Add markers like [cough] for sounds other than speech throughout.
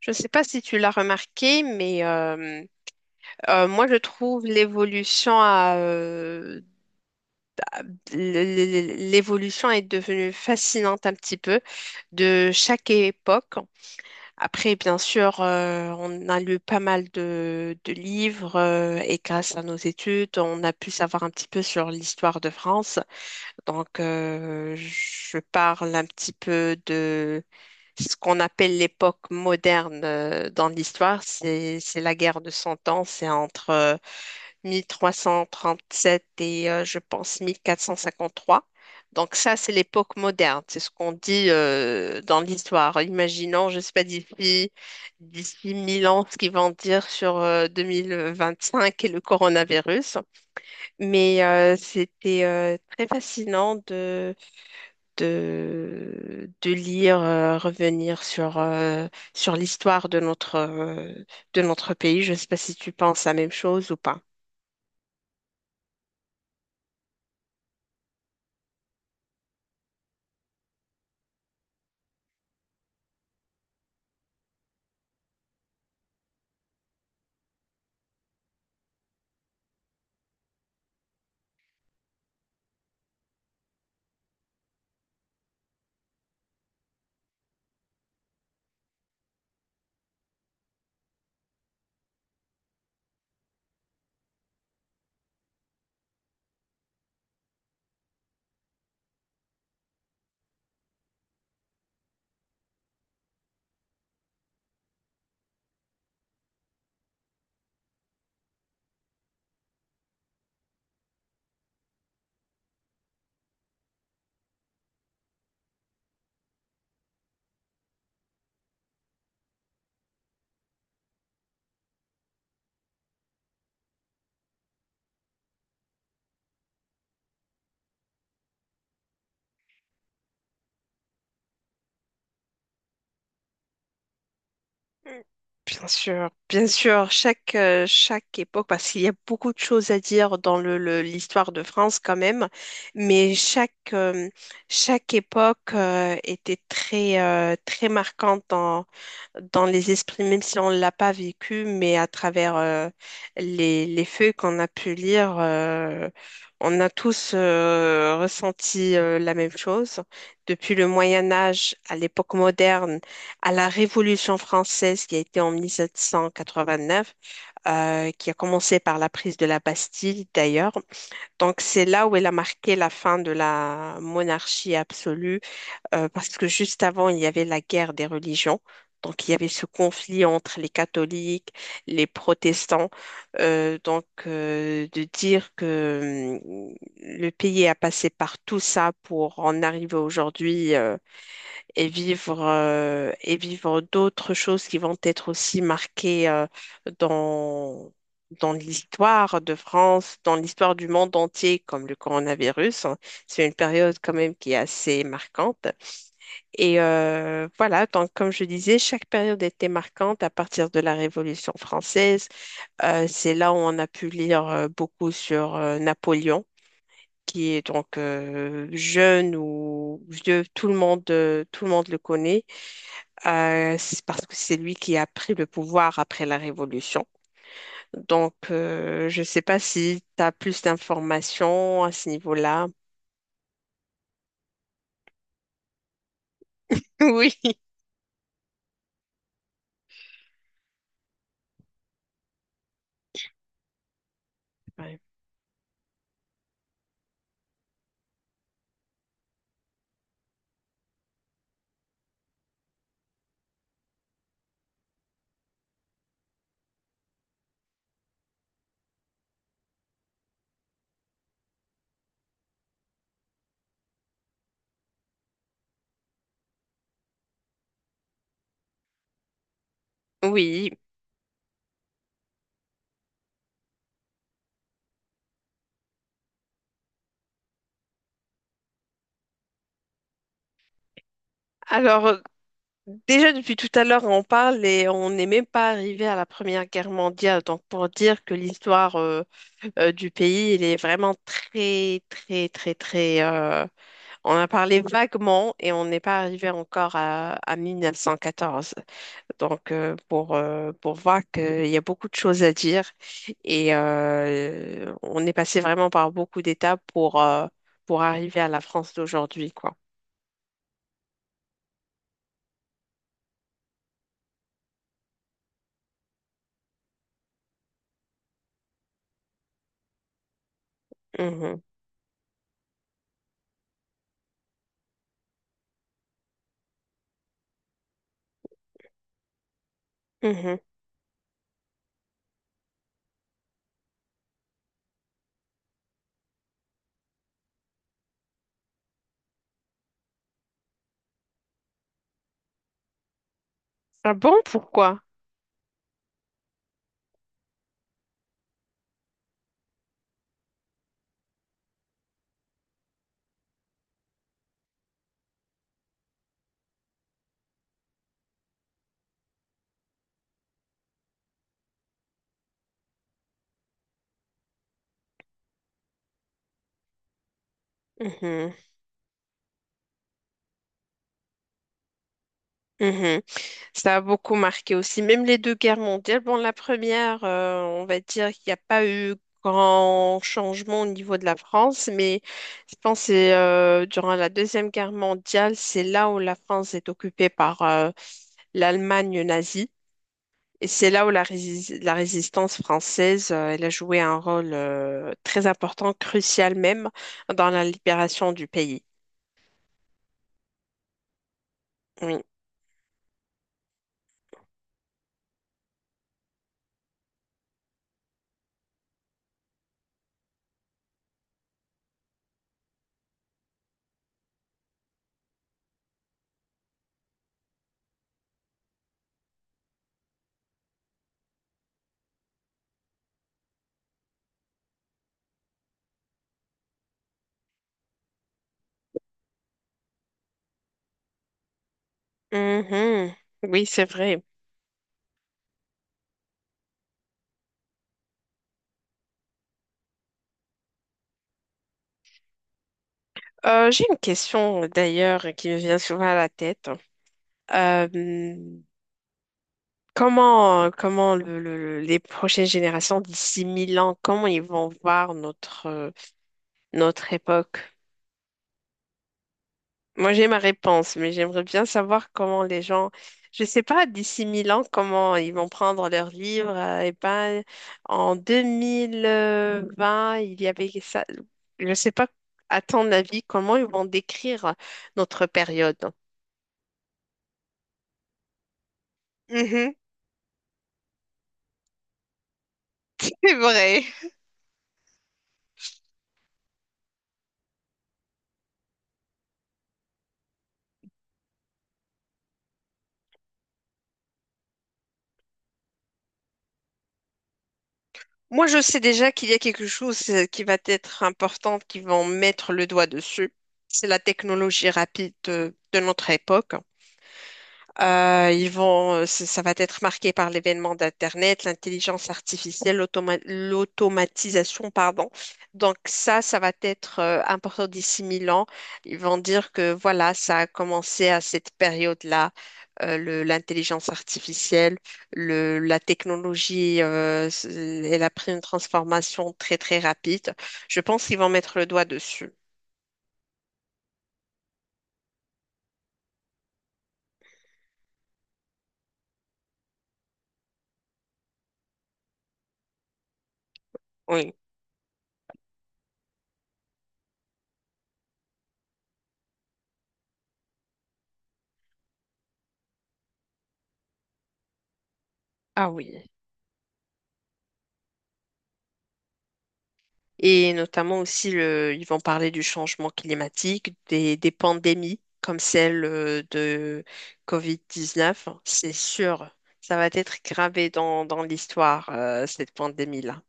Je ne sais pas si tu l'as remarqué, mais moi je trouve l'évolution l'évolution est devenue fascinante un petit peu de chaque époque. Après, bien sûr, on a lu pas mal de livres et grâce à nos études, on a pu savoir un petit peu sur l'histoire de France. Donc, je parle un petit peu de ce qu'on appelle l'époque moderne dans l'histoire. C'est la guerre de Cent Ans. C'est entre 1337 et je pense 1453. Donc ça, c'est l'époque moderne, c'est ce qu'on dit dans l'histoire. Imaginons, je ne sais pas, d'ici 1000 ans, ce qu'ils vont dire sur 2025 et le coronavirus. Mais c'était très fascinant de lire, revenir sur, sur l'histoire de notre pays. Je ne sais pas si tu penses la même chose ou pas. Bien sûr, chaque époque, parce qu'il y a beaucoup de choses à dire dans l'histoire de France quand même, mais chaque époque était très, très marquante dans les esprits, même si on ne l'a pas vécu, mais à travers les feuilles qu'on a pu lire, on a tous ressenti la même chose. Depuis le Moyen Âge à l'époque moderne, à la Révolution française qui a été en 1789, qui a commencé par la prise de la Bastille d'ailleurs. Donc c'est là où elle a marqué la fin de la monarchie absolue parce que juste avant, il y avait la guerre des religions. Donc, il y avait ce conflit entre les catholiques, les protestants. Donc, de dire que le pays a passé par tout ça pour en arriver aujourd'hui et vivre d'autres choses qui vont être aussi marquées dans, dans l'histoire de France, dans l'histoire du monde entier, comme le coronavirus. Hein. C'est une période quand même qui est assez marquante. Et voilà, donc comme je disais, chaque période était marquante à partir de la Révolution française. C'est là où on a pu lire beaucoup sur Napoléon, qui est donc jeune ou vieux, tout le monde le connaît, c'est parce que c'est lui qui a pris le pouvoir après la Révolution. Donc, je ne sais pas si tu as plus d'informations à ce niveau-là. [laughs] Oui. Ouais. Oui. Alors, déjà depuis tout à l'heure, on parle et on n'est même pas arrivé à la Première Guerre mondiale. Donc pour dire que l'histoire du pays, il est vraiment très, très, très, très. On a parlé vaguement et on n'est pas arrivé encore à 1914. Donc pour voir qu'il y a beaucoup de choses à dire et on est passé vraiment par beaucoup d'étapes pour arriver à la France d'aujourd'hui, quoi. Mhm. Mhm. Ah bon, pourquoi? Mhm. Ça a beaucoup marqué aussi. Même les deux guerres mondiales. Bon, la première, on va dire qu'il n'y a pas eu grand changement au niveau de la France, mais je pense que c'est, durant la Deuxième Guerre mondiale, c'est là où la France est occupée par l'Allemagne nazie. Et c'est là où la résistance française, elle a joué un rôle très important, crucial même, dans la libération du pays. Oui, mhm. Oui, c'est vrai. J'ai une question d'ailleurs qui me vient souvent à la tête. Euh, comment les prochaines générations d'ici 1000 ans, comment ils vont voir notre, notre époque? Moi, j'ai ma réponse, mais j'aimerais bien savoir comment les gens, je sais pas, d'ici 1000 ans, comment ils vont prendre leurs livres. Et ben, en deux mille vingt il y avait ça. Je sais pas, à ton avis, comment ils vont décrire notre période? Mhm, [laughs] c'est vrai. Moi, je sais déjà qu'il y a quelque chose qui va être important, qui vont mettre le doigt dessus. C'est la technologie rapide de notre époque. Ils vont, ça ça va être marqué par l'événement d'Internet, l'intelligence artificielle, l'automatisation, pardon. Donc ça va être important d'ici mille ans. Ils vont dire que voilà, ça a commencé à cette période-là, l'intelligence artificielle, la technologie, elle a pris une transformation très très rapide. Je pense qu'ils vont mettre le doigt dessus. Oui. Ah oui. Et notamment aussi, ils vont parler du changement climatique, des pandémies comme celle de Covid-19. C'est sûr, ça va être gravé dans l'histoire, cette pandémie-là.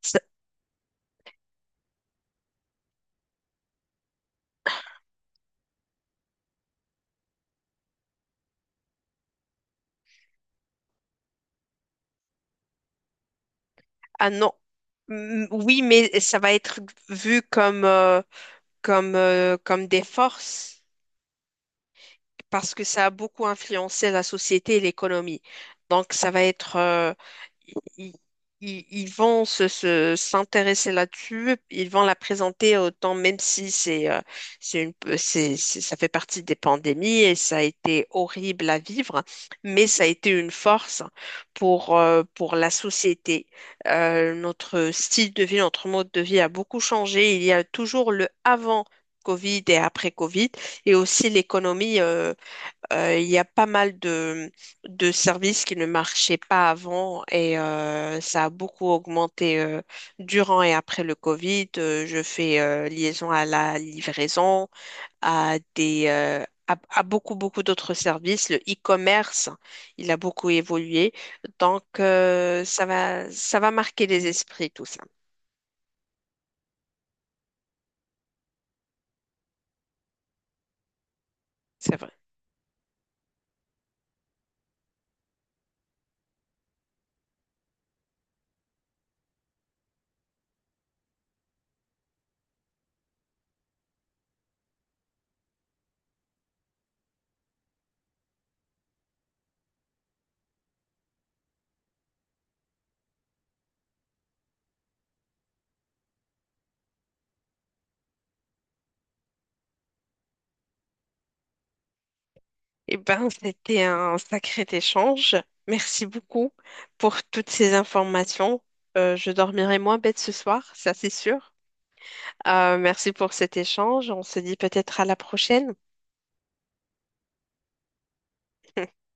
Ça- Ah non, mm, oui, mais ça va être vu comme, comme des forces, parce que ça a beaucoup influencé la société et l'économie. Donc, ça va être, ils, ils- ils vont s'intéresser là-dessus, ils vont la présenter autant, même si c'est, c'est une, c'est- ça fait partie des pandémies et ça a été horrible à vivre, mais ça a été une force pour la société. Notre style de vie, notre mode de vie a beaucoup changé. Il y a toujours le avant. Covid et après Covid, et aussi l'économie. Il y a pas mal de services qui ne marchaient pas avant et ça a beaucoup augmenté durant et après le Covid. Je fais liaison à la livraison, à beaucoup, beaucoup d'autres services. Le e-commerce, il a beaucoup évolué. Donc, ça va marquer les esprits, tout ça. C'est vrai. Eh ben, c'était un sacré échange. Merci beaucoup pour toutes ces informations. Je dormirai moins bête ce soir, ça c'est sûr. Merci pour cet échange. On se dit peut-être à la prochaine. [laughs]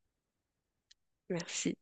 Merci.